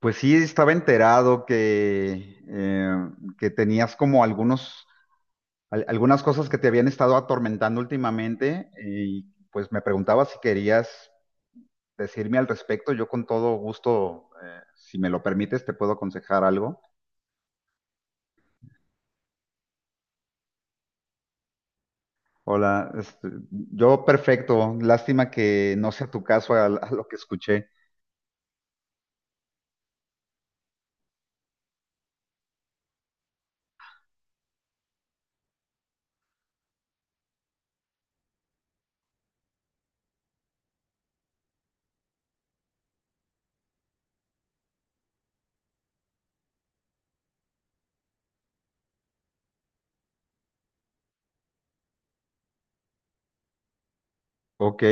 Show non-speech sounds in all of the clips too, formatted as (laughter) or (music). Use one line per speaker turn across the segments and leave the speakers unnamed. Pues sí, estaba enterado que que tenías como algunas cosas que te habían estado atormentando últimamente y pues me preguntaba si querías decirme al respecto. Yo con todo gusto, si me lo permites, te puedo aconsejar algo. Hola, yo perfecto. Lástima que no sea tu caso a lo que escuché. Ok,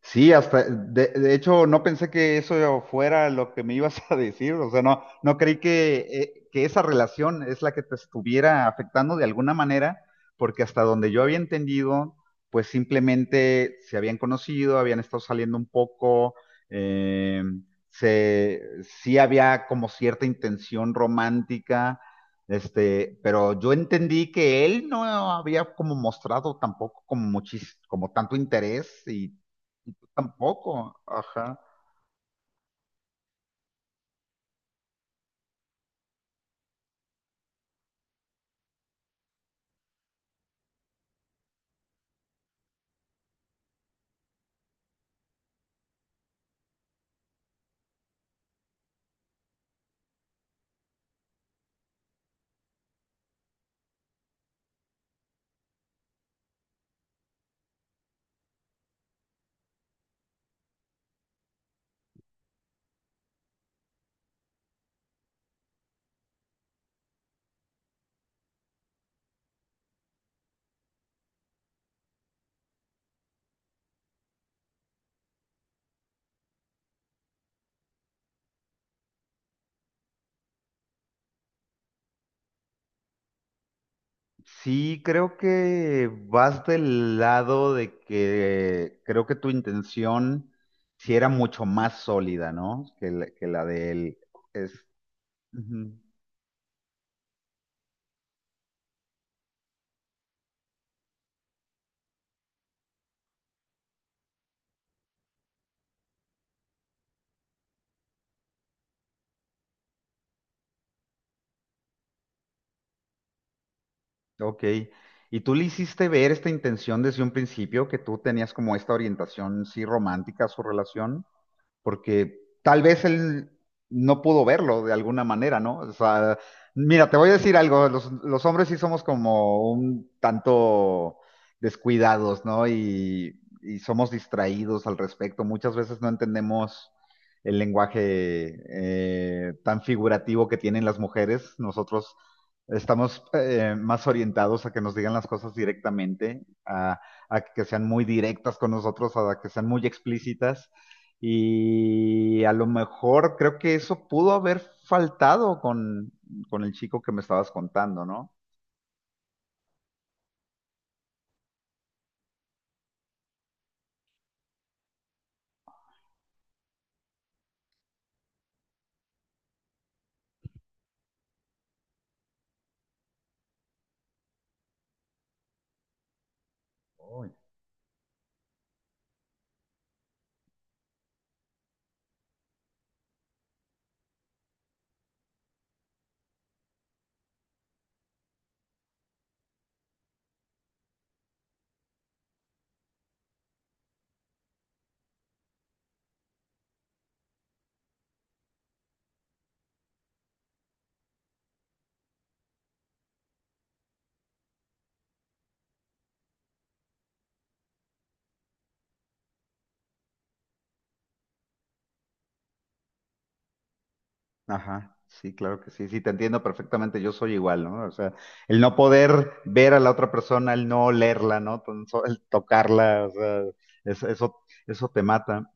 sí, de hecho, no pensé que eso fuera lo que me ibas a (laughs) decir, o sea, no creí que que esa relación es la que te estuviera afectando de alguna manera, porque hasta donde yo había entendido, pues simplemente se habían conocido, habían estado saliendo un poco, eh, se, sí había como cierta intención romántica, pero yo entendí que él no había como mostrado tampoco como tanto interés, y tú tampoco, ajá. Sí, creo que vas del lado de que creo que tu intención sí era mucho más sólida, ¿no? Que que la de él es, ujú, ok. ¿Y tú le hiciste ver esta intención desde un principio, que tú tenías como esta orientación sí romántica a su relación? Porque tal vez él no pudo verlo de alguna manera, ¿no? O sea, mira, te voy a decir algo, los hombres sí somos como un tanto descuidados, ¿no? Y somos distraídos al respecto. Muchas veces no entendemos el lenguaje tan figurativo que tienen las mujeres. Nosotros estamos más orientados a que nos digan las cosas directamente, a que sean muy directas con nosotros, a que sean muy explícitas. Y a lo mejor creo que eso pudo haber faltado con el chico que me estabas contando, ¿no? Uy. Ajá, sí, claro que sí, sí, te entiendo perfectamente, yo soy igual, ¿no? O sea, el no poder ver a la otra persona, el no olerla, ¿no? El tocarla, o sea, eso, eso te mata.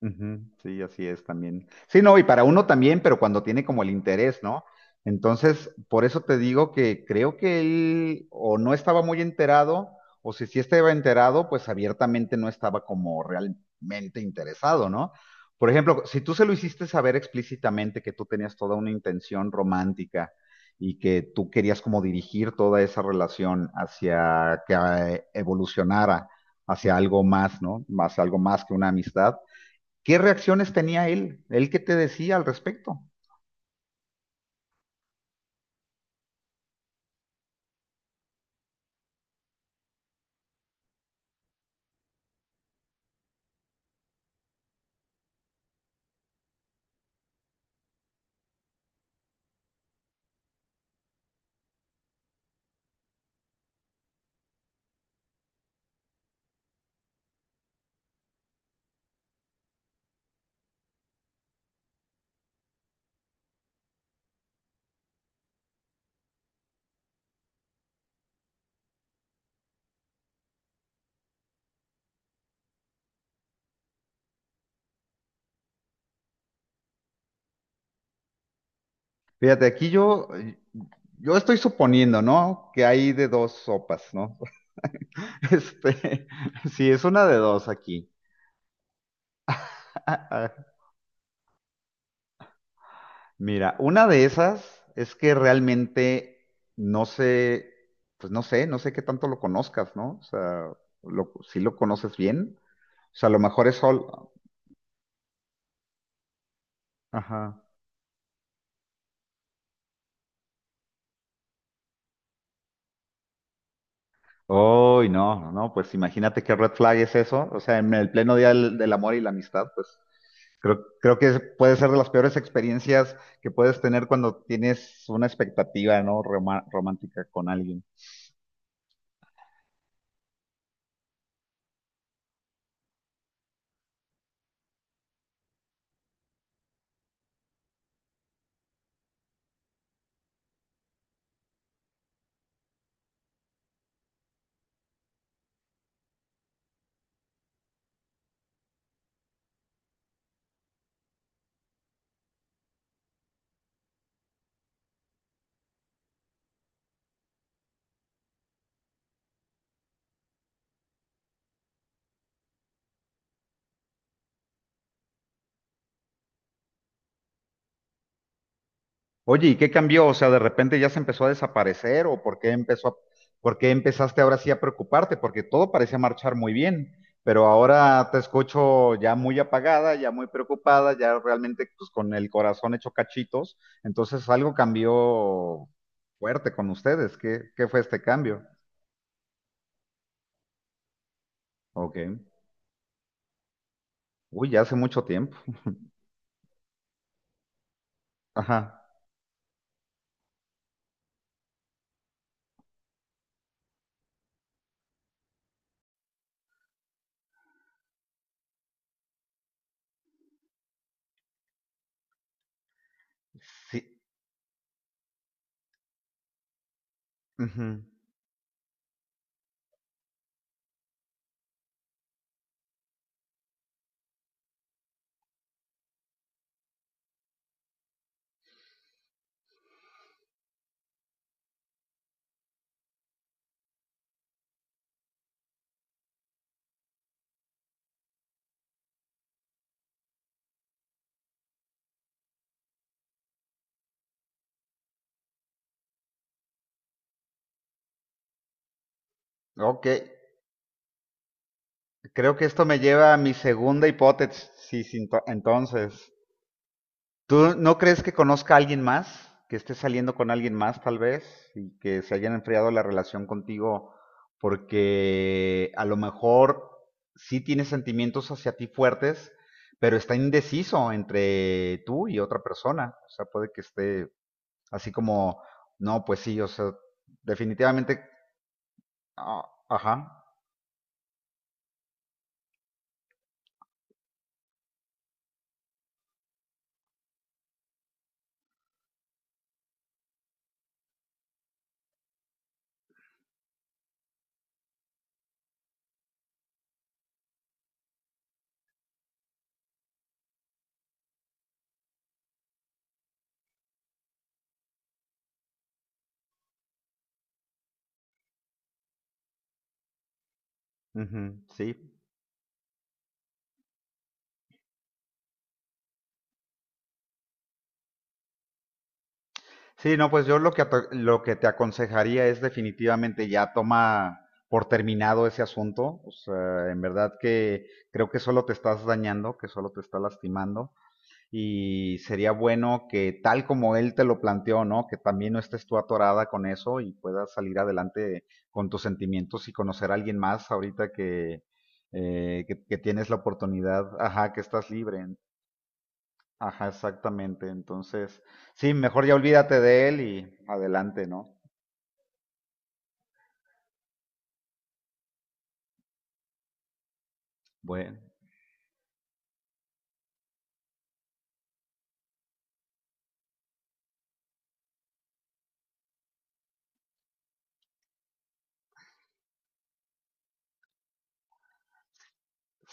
Ujú, sí, así es también. Sí, no, y para uno también, pero cuando tiene como el interés, ¿no? Entonces, por eso te digo que creo que él o no estaba muy enterado, o si sí estaba enterado, pues abiertamente no estaba como realmente interesado, ¿no? Por ejemplo, si tú se lo hiciste saber explícitamente que tú tenías toda una intención romántica y que tú querías como dirigir toda esa relación hacia que evolucionara hacia algo más, ¿no? Más algo más que una amistad. ¿Qué reacciones tenía él? ¿Él qué te decía al respecto? Fíjate, yo estoy suponiendo, ¿no? Que hay de dos sopas, ¿no? (laughs) Este, sí, es una de dos aquí. (laughs) Mira, una de esas es que realmente no sé, pues no sé qué tanto lo conozcas, ¿no? O sea, si lo conoces bien, o sea, a lo mejor es solo. Ajá. Uy, no, no, pues imagínate qué red flag es eso. O sea, en el pleno día del amor y la amistad, pues creo que puede ser de las peores experiencias que puedes tener cuando tienes una expectativa, ¿no? Romántica con alguien. Oye, ¿y qué cambió? O sea, de repente ya se empezó a desaparecer o ¿por qué empezaste ahora sí a preocuparte? Porque todo parecía marchar muy bien, pero ahora te escucho ya muy apagada, ya muy preocupada, ya realmente pues, con el corazón hecho cachitos. Entonces algo cambió fuerte con ustedes. ¿Qué fue este cambio? Ok. Uy, ya hace mucho tiempo. Ajá. Sí, ujú. Ok. Creo que esto me lleva a mi segunda hipótesis, sí, sí, entonces. ¿Tú no crees que conozca a alguien más? Que esté saliendo con alguien más, tal vez, y que se hayan enfriado la relación contigo porque a lo mejor sí tiene sentimientos hacia ti fuertes, pero está indeciso entre tú y otra persona. O sea, puede que esté así como, no, pues sí, o sea, definitivamente, ah, ajá, ujú, sí, sí, no, pues yo lo que, lo que te aconsejaría es definitivamente ya toma por terminado ese asunto. O sea, en verdad que creo que solo te estás dañando, que solo te está lastimando. Y sería bueno que tal como él te lo planteó, ¿no? Que también no estés tú atorada con eso y puedas salir adelante con tus sentimientos y conocer a alguien más ahorita que, que tienes la oportunidad, ajá, que estás libre. Ajá, exactamente. Entonces, sí, mejor ya olvídate de él y adelante, ¿no? Bueno,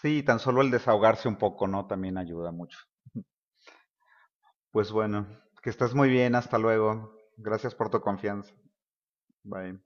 sí, tan solo el desahogarse un poco, ¿no? También ayuda mucho. Pues bueno, que estés muy bien, hasta luego. Gracias por tu confianza. Bye.